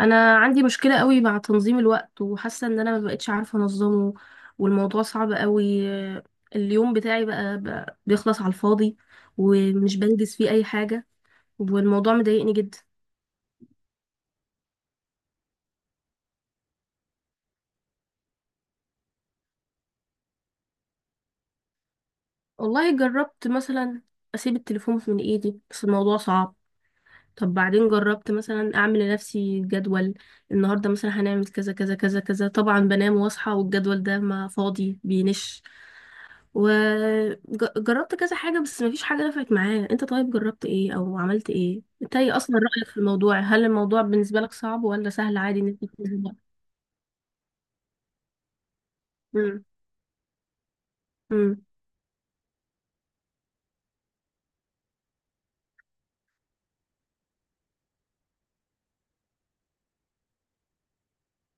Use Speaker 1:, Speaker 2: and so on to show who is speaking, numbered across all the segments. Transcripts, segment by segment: Speaker 1: انا عندي مشكله قوي مع تنظيم الوقت وحاسه ان انا ما بقتش عارفه انظمه، والموضوع صعب قوي. اليوم بتاعي بقى بيخلص على الفاضي ومش بنجز فيه اي حاجه، والموضوع مضايقني جدا. والله جربت مثلا اسيب التليفون من ايدي بس الموضوع صعب. طب بعدين جربت مثلا اعمل لنفسي جدول. النهارده مثلا هنعمل كذا كذا كذا كذا، طبعا بنام واصحى والجدول ده ما فاضي بينش. وجربت كذا حاجة بس مفيش حاجة نفعت معايا. انت طيب جربت ايه او عملت ايه؟ انت ايه اصلا رأيك في الموضوع؟ هل الموضوع بالنسبة لك صعب ولا سهل عادي ان انت تنزل بقى؟ مم. مم.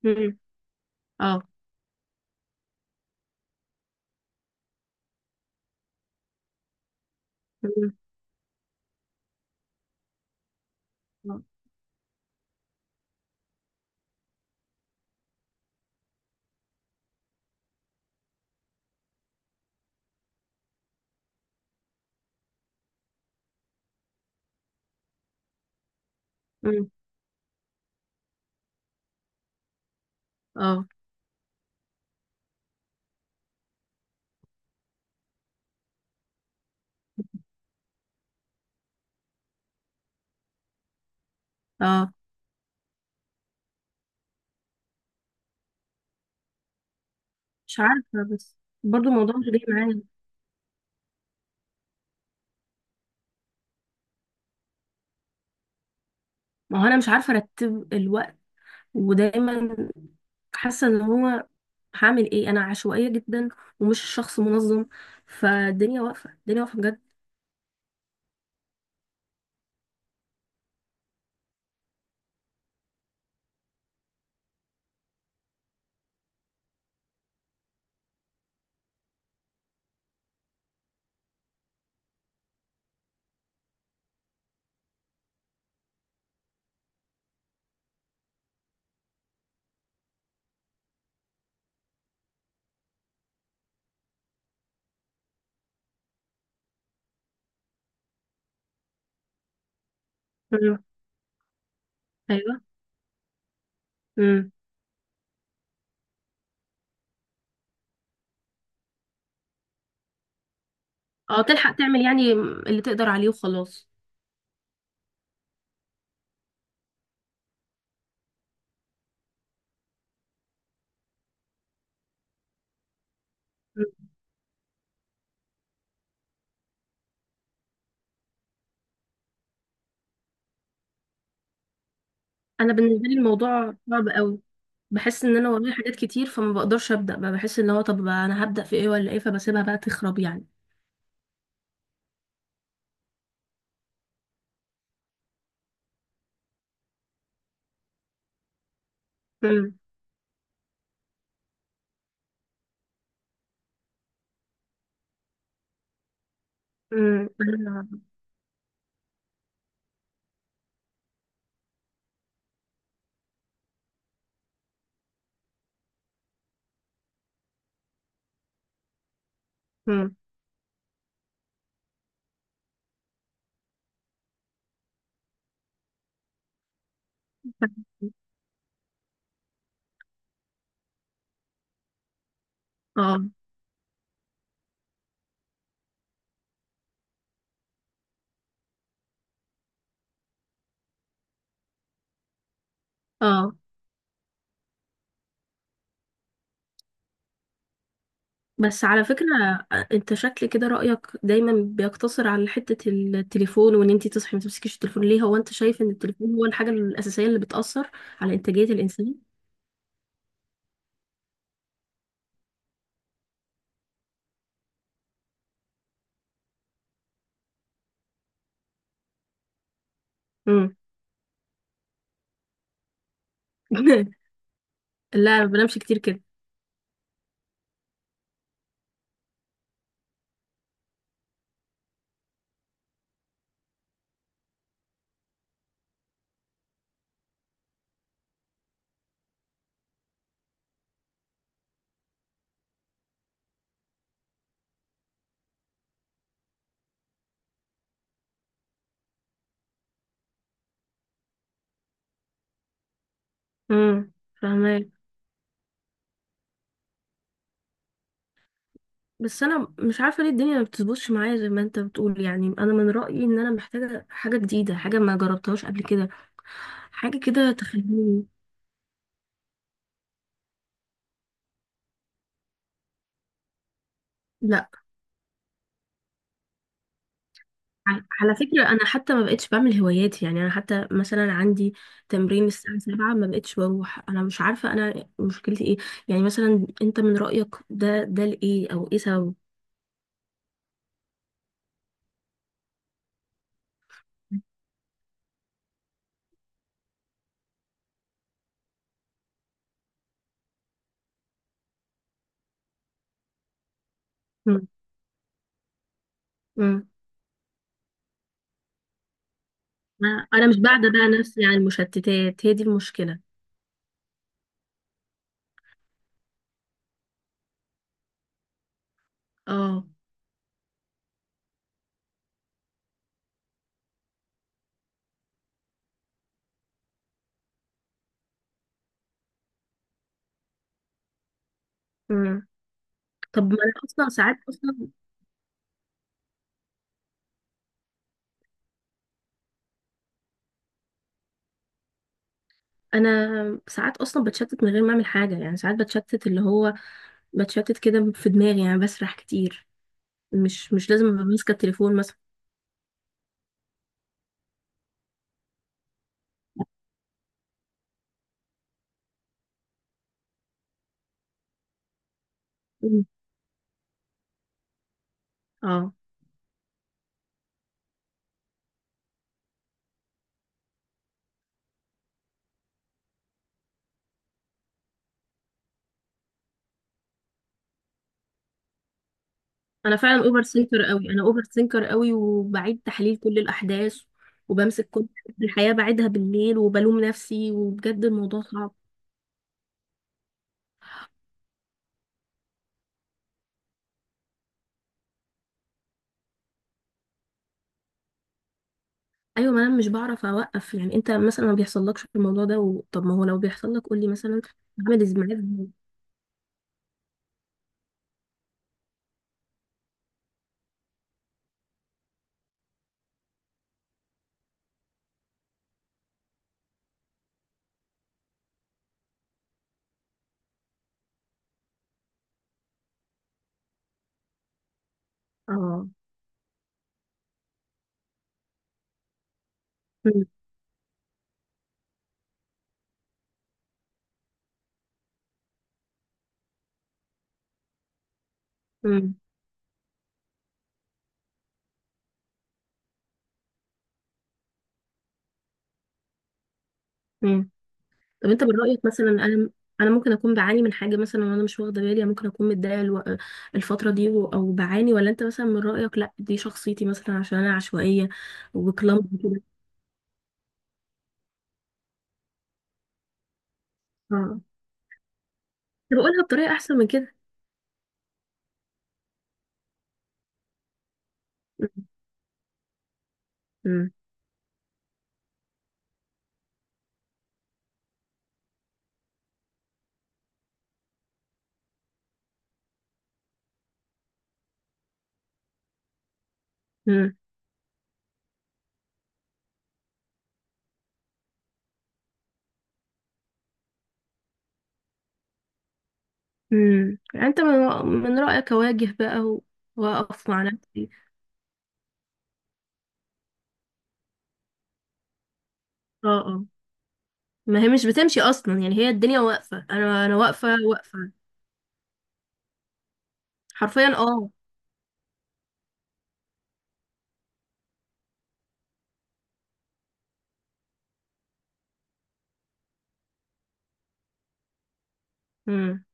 Speaker 1: مم. اه. مم. اه. مم. اه. اه. مش عارفة بس برضو الموضوع مش جاي معايا. ما هو انا مش عارفة ارتب الوقت، ودايما حاسة ان هو هعمل ايه. انا عشوائية جدا ومش شخص منظم، فالدنيا واقفة، الدنيا واقفة بجد. مم. ايوه. مم. اه، تلحق تعمل يعني اللي تقدر عليه وخلاص. مم. انا بالنسبه لي الموضوع صعب قوي، بحس ان انا ورايا حاجات كتير فما بقدرش ابدا بقى. بحس ان هو طب انا هبدا في ايه ولا ايه، فبسيبها بقى تخرب يعني. امم. امم. امم. اه. اه. بس على فكره، انت شكل كده رايك دايما بيقتصر على حته التليفون وان انت تصحي ما تمسكيش التليفون. ليه هو انت شايف ان التليفون هو الحاجه الاساسيه اللي بتاثر على انتاجيه الانسان؟ امم. لا، ما بنامش كتير كده. امم. بس انا مش عارفه ليه الدنيا ما بتظبطش معايا زي ما انت بتقول. يعني انا من رايي ان انا محتاجه حاجه جديده، حاجه ما جربتهاش قبل كده، حاجه كده تخليني. لا. على فكره انا حتى ما بقتش بعمل هواياتي. يعني انا حتى مثلا عندي تمرين الساعه 7 ما بقتش بروح. انا مش عارفه انا مشكلتي ايه. يعني مثلا انت من رايك ده لايه او ايه سببه؟ مم. مم. انا مش بعدة بقى نفسي عن المشتتات، هي دي المشكله. اه. مم. طب ما انا اصلا ساعات اصلا انا ساعات اصلا بتشتت من غير ما اعمل حاجه. يعني ساعات بتشتت اللي هو بتشتت كده في دماغي، يعني بسرح كتير. مش لازم ابقى ماسكه التليفون مثلا. مم. اه. انا فعلا اوفر سينكر قوي، انا اوفر سينكر قوي وبعيد تحليل كل الاحداث، وبمسك كل الحياه بعيدها بالليل وبلوم نفسي، وبجد الموضوع صعب. ايوه، ما انا مش بعرف اوقف. يعني انت مثلا ما بيحصلكش الموضوع ده طب ما هو لو بيحصل لك قول لي مثلا اعمل ازاي معاك؟ اه. مم. مم. مم. طب انت من رأيك مثلا انا ممكن اكون بعاني من حاجه مثلا وانا مش واخده بالي؟ يعني ممكن اكون متضايقه الفتره دي او بعاني، ولا انت مثلا من رأيك لا دي شخصيتي مثلا عشان انا عشوائيه وكلام كده؟ اه. طب اقولها بطريقه احسن من كده. امم. امم. امم. انت من رأيك اواجه بقى واقف مع نفسي؟ اه. اه. ما هي مش بتمشي اصلا. يعني هي الدنيا واقفه، انا واقفه واقفه حرفيا. اه. مم.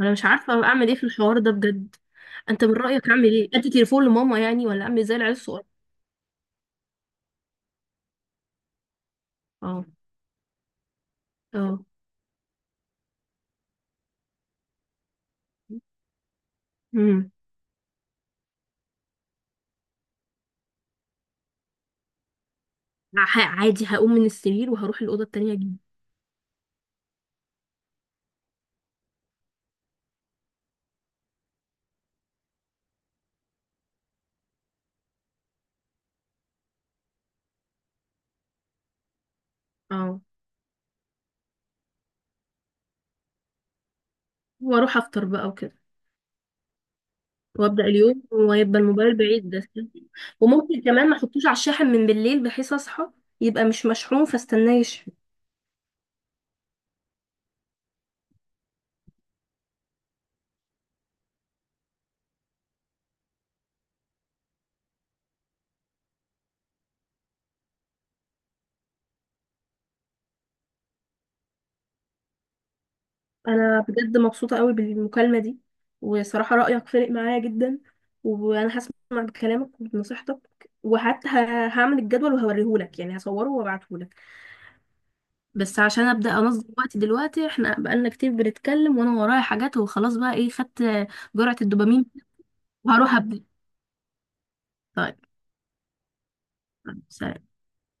Speaker 1: انا مش عارفه اعمل ايه في الحوار ده بجد. انت من رايك اعمل ايه؟ ادي تليفون لماما يعني، ولا اعمل زي العيال الصغيره؟ اه. اه. امم. عادي هقوم من السرير وهروح الاوضه التانية اجيب. اه، واروح افطر بقى وكده وابدا اليوم، ويبقى الموبايل بعيد ده. وممكن كمان ما احطوش على الشاحن من بالليل، بحيث اصحى يبقى مش مشحون فاستناه يشحن. انا بجد مبسوطه قوي بالمكالمه دي، وصراحه رايك فارق معايا جدا، وانا هسمع بكلامك وبنصيحتك، وحتى هعمل الجدول وهوريهولك، يعني هصوره وابعتهولك. بس عشان ابدا انظم وقتي دلوقتي، احنا بقالنا كتير بنتكلم وانا ورايا حاجات وخلاص، بقى ايه خدت جرعه الدوبامين وهروح ابدا. طيب، سلام.